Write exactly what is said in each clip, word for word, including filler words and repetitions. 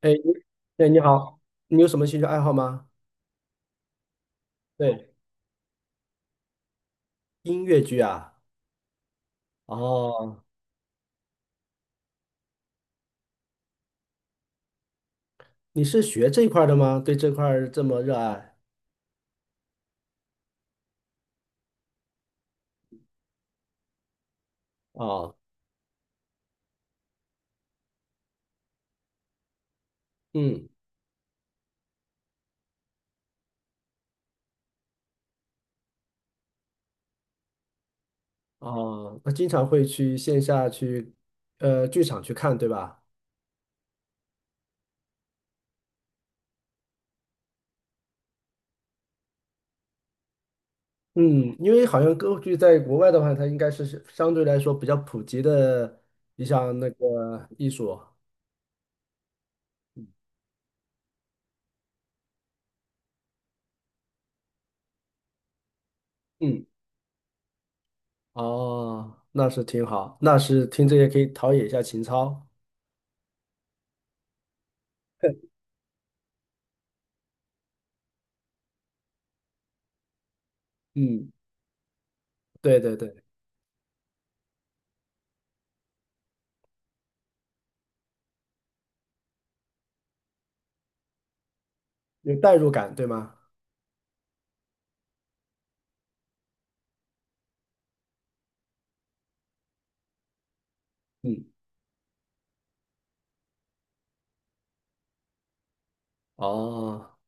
哎，你哎，你好，你有什么兴趣爱好吗？对，音乐剧啊。哦，你是学这一块儿的吗？对这块儿这么热爱？哦。嗯。哦，那经常会去线下去，呃，剧场去看，对吧？嗯，因为好像歌剧在国外的话，它应该是相对来说比较普及的一项那个艺术。嗯。哦，那是挺好，那是听这些可以陶冶一下情操。嗯，对对对，有代入感，对吗？嗯。哦，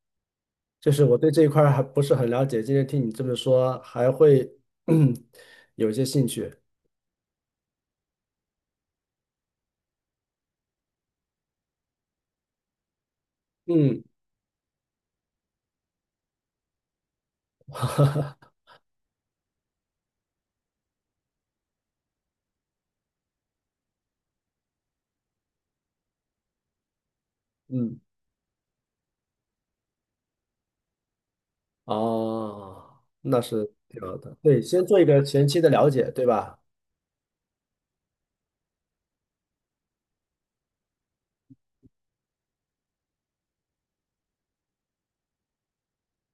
就是我对这一块儿还不是很了解，今天听你这么说，还会 有一些兴趣。嗯。嗯。哦，那是挺好的。对，先做一个前期的了解，对吧？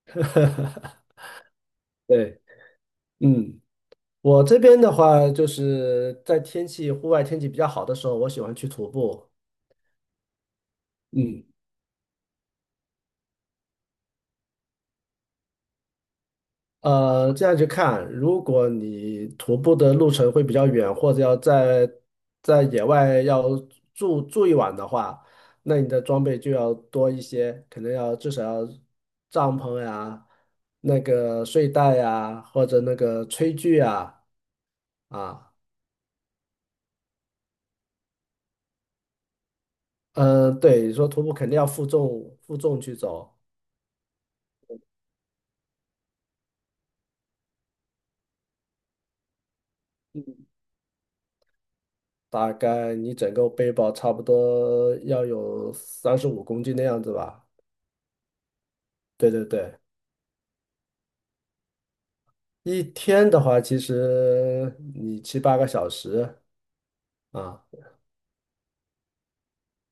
对。嗯，我这边的话，就是在天气户外天气比较好的时候，我喜欢去徒步。嗯。呃，这样去看，如果你徒步的路程会比较远，或者要在在野外要住住一晚的话，那你的装备就要多一些，可能要至少要帐篷呀、那个睡袋呀，或者那个炊具呀。啊。嗯。对，你说徒步肯定要负重负重去走，大概你整个背包差不多要有三十五公斤的样子吧。对对对。一天的话，其实你七八个小时啊。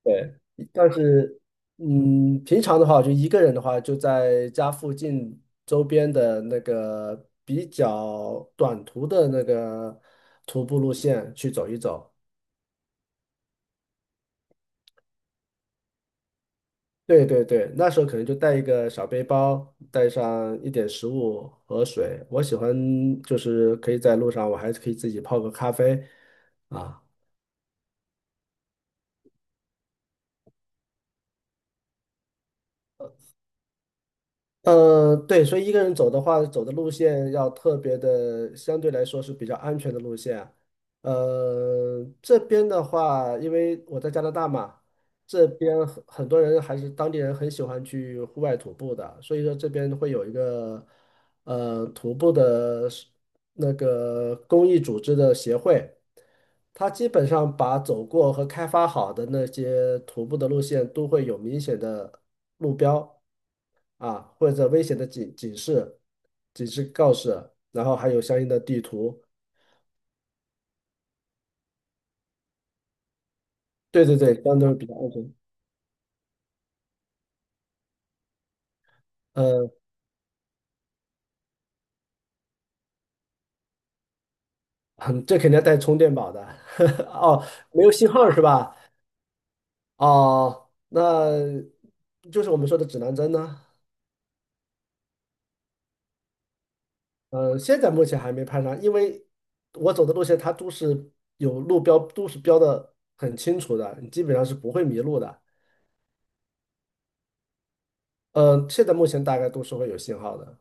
对。但是，嗯，平常的话，我就一个人的话，就在家附近周边的那个比较短途的那个徒步路线去走一走。对对对，那时候可能就带一个小背包，带上一点食物和水。我喜欢就是可以在路上，我还可以自己泡个咖啡啊。呃，对，所以一个人走的话，走的路线要特别的，相对来说是比较安全的路线。呃，这边的话，因为我在加拿大嘛，这边很很多人还是当地人很喜欢去户外徒步的，所以说这边会有一个。呃徒步的是那个公益组织的协会，它基本上把走过和开发好的那些徒步的路线都会有明显的路标啊，或者危险的警警示、警示告示，然后还有相应的地图。对对对，相对比较安全。呃，很这肯定要带充电宝的。哦，没有信号是吧？哦，那就是我们说的指南针呢。呃，现在目前还没攀上，因为我走的路线它都是有路标，都是标的很清楚的，你基本上是不会迷路的。嗯，现在目前大概都是会有信号的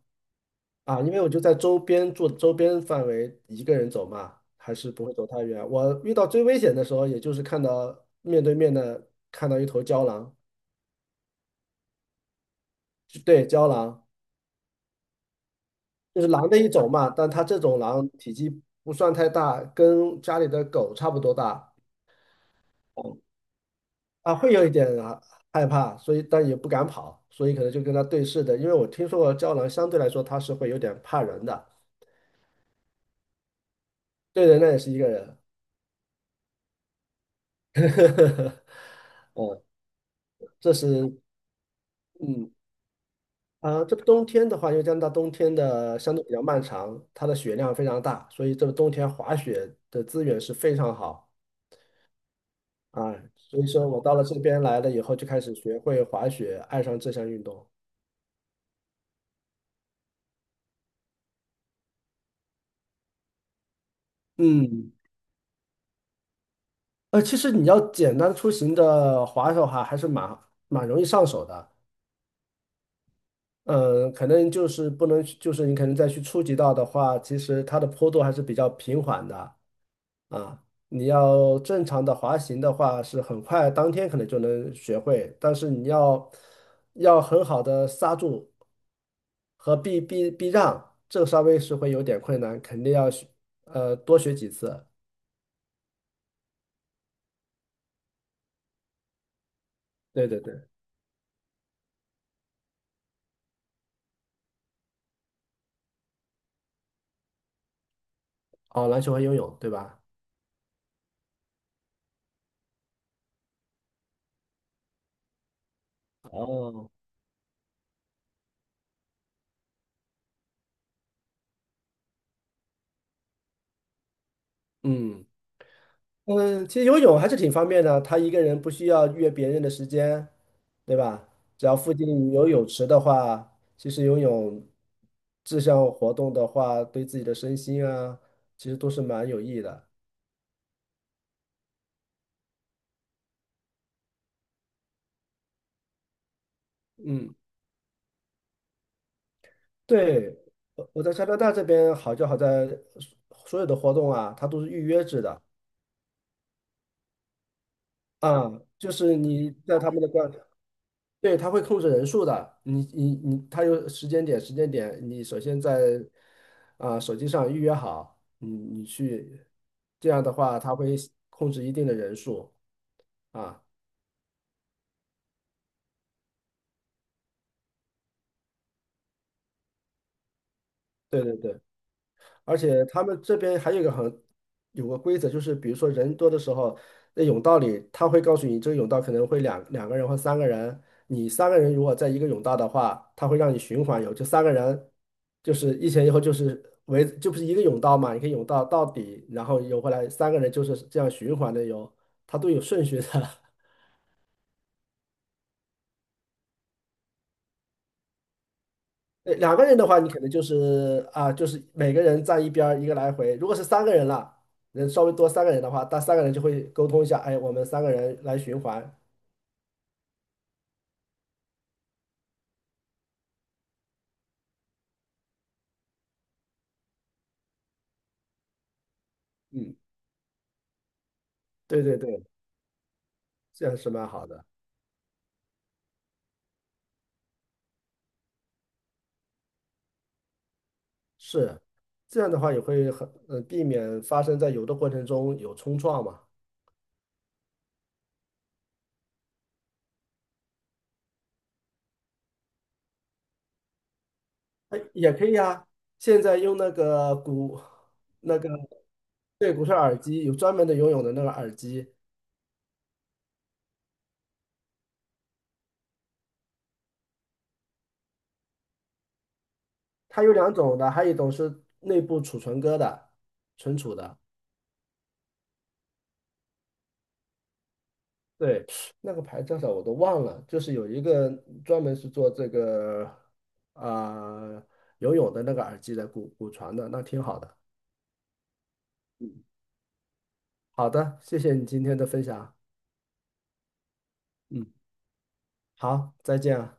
啊。因为我就在周边住，周边范围一个人走嘛，还是不会走太远。我遇到最危险的时候，也就是看到面对面的看到一头郊狼。就对，郊狼就是狼的一种嘛，但它这种狼体积不算太大，跟家里的狗差不多大。嗯啊，会有一点啊害怕，所以但也不敢跑，所以可能就跟他对视的。因为我听说过胶囊相对来说它是会有点怕人的。对人那也是一个人。哦。这是嗯啊，这冬天的话，因为加拿大冬天的相对比较漫长，它的雪量非常大，所以这个冬天滑雪的资源是非常好啊。所以说我到了这边来了以后，就开始学会滑雪，爱上这项运动。嗯。呃，其实你要简单出行的滑手哈，还是蛮蛮容易上手的。嗯，可能就是不能去就是你可能再去初级道的话，其实它的坡度还是比较平缓的啊。你要正常的滑行的话，是很快当天可能就能学会，但是你要要很好的刹住和避避避让，这个稍微是会有点困难，肯定要学呃多学几次。对对对。哦，篮球和游泳，对吧？哦。嗯。嗯，其实游泳还是挺方便的，他一个人不需要约别人的时间，对吧？只要附近有泳池的话，其实游泳这项活动的话，对自己的身心啊，其实都是蛮有益的。嗯，对，我我在加拿大这边好就好在所有的活动啊，它都是预约制的啊。就是你在他们的官。对，它会控制人数的。你你你，它有时间点，时间点，你首先在啊、手机上预约好，你你去，这样的话，它会控制一定的人数啊。对对对。而且他们这边还有一个很有个规则，就是比如说人多的时候，那甬道里他会告诉你，这个甬道可能会两两个人或三个人，你三个人如果在一个甬道的话，他会让你循环游，就三个人就是一前一后就是围，就不是一个甬道嘛，你可以甬道到底，然后游回来，三个人就是这样循环的游，他都有顺序的。呃两个人的话，你可能就是啊，就是每个人站一边儿，一个来回。如果是三个人了，人稍微多三个人的话，那三个人就会沟通一下，哎，我们三个人来循环。嗯，对对对，这样是蛮好的。是，这样的话也会很，呃，避免发生在游的过程中有冲撞嘛。哎，也可以啊。现在用那个骨，那个对骨髓耳机，有专门的游泳的那个耳机，它有两种的，还有一种是内部储存歌的，存储的。对，那个牌叫啥我都忘了，就是有一个专门是做这个啊、游泳的那个耳机的骨骨传的，那挺好的。嗯，好的，谢谢你今天的分享。嗯，好，再见啊。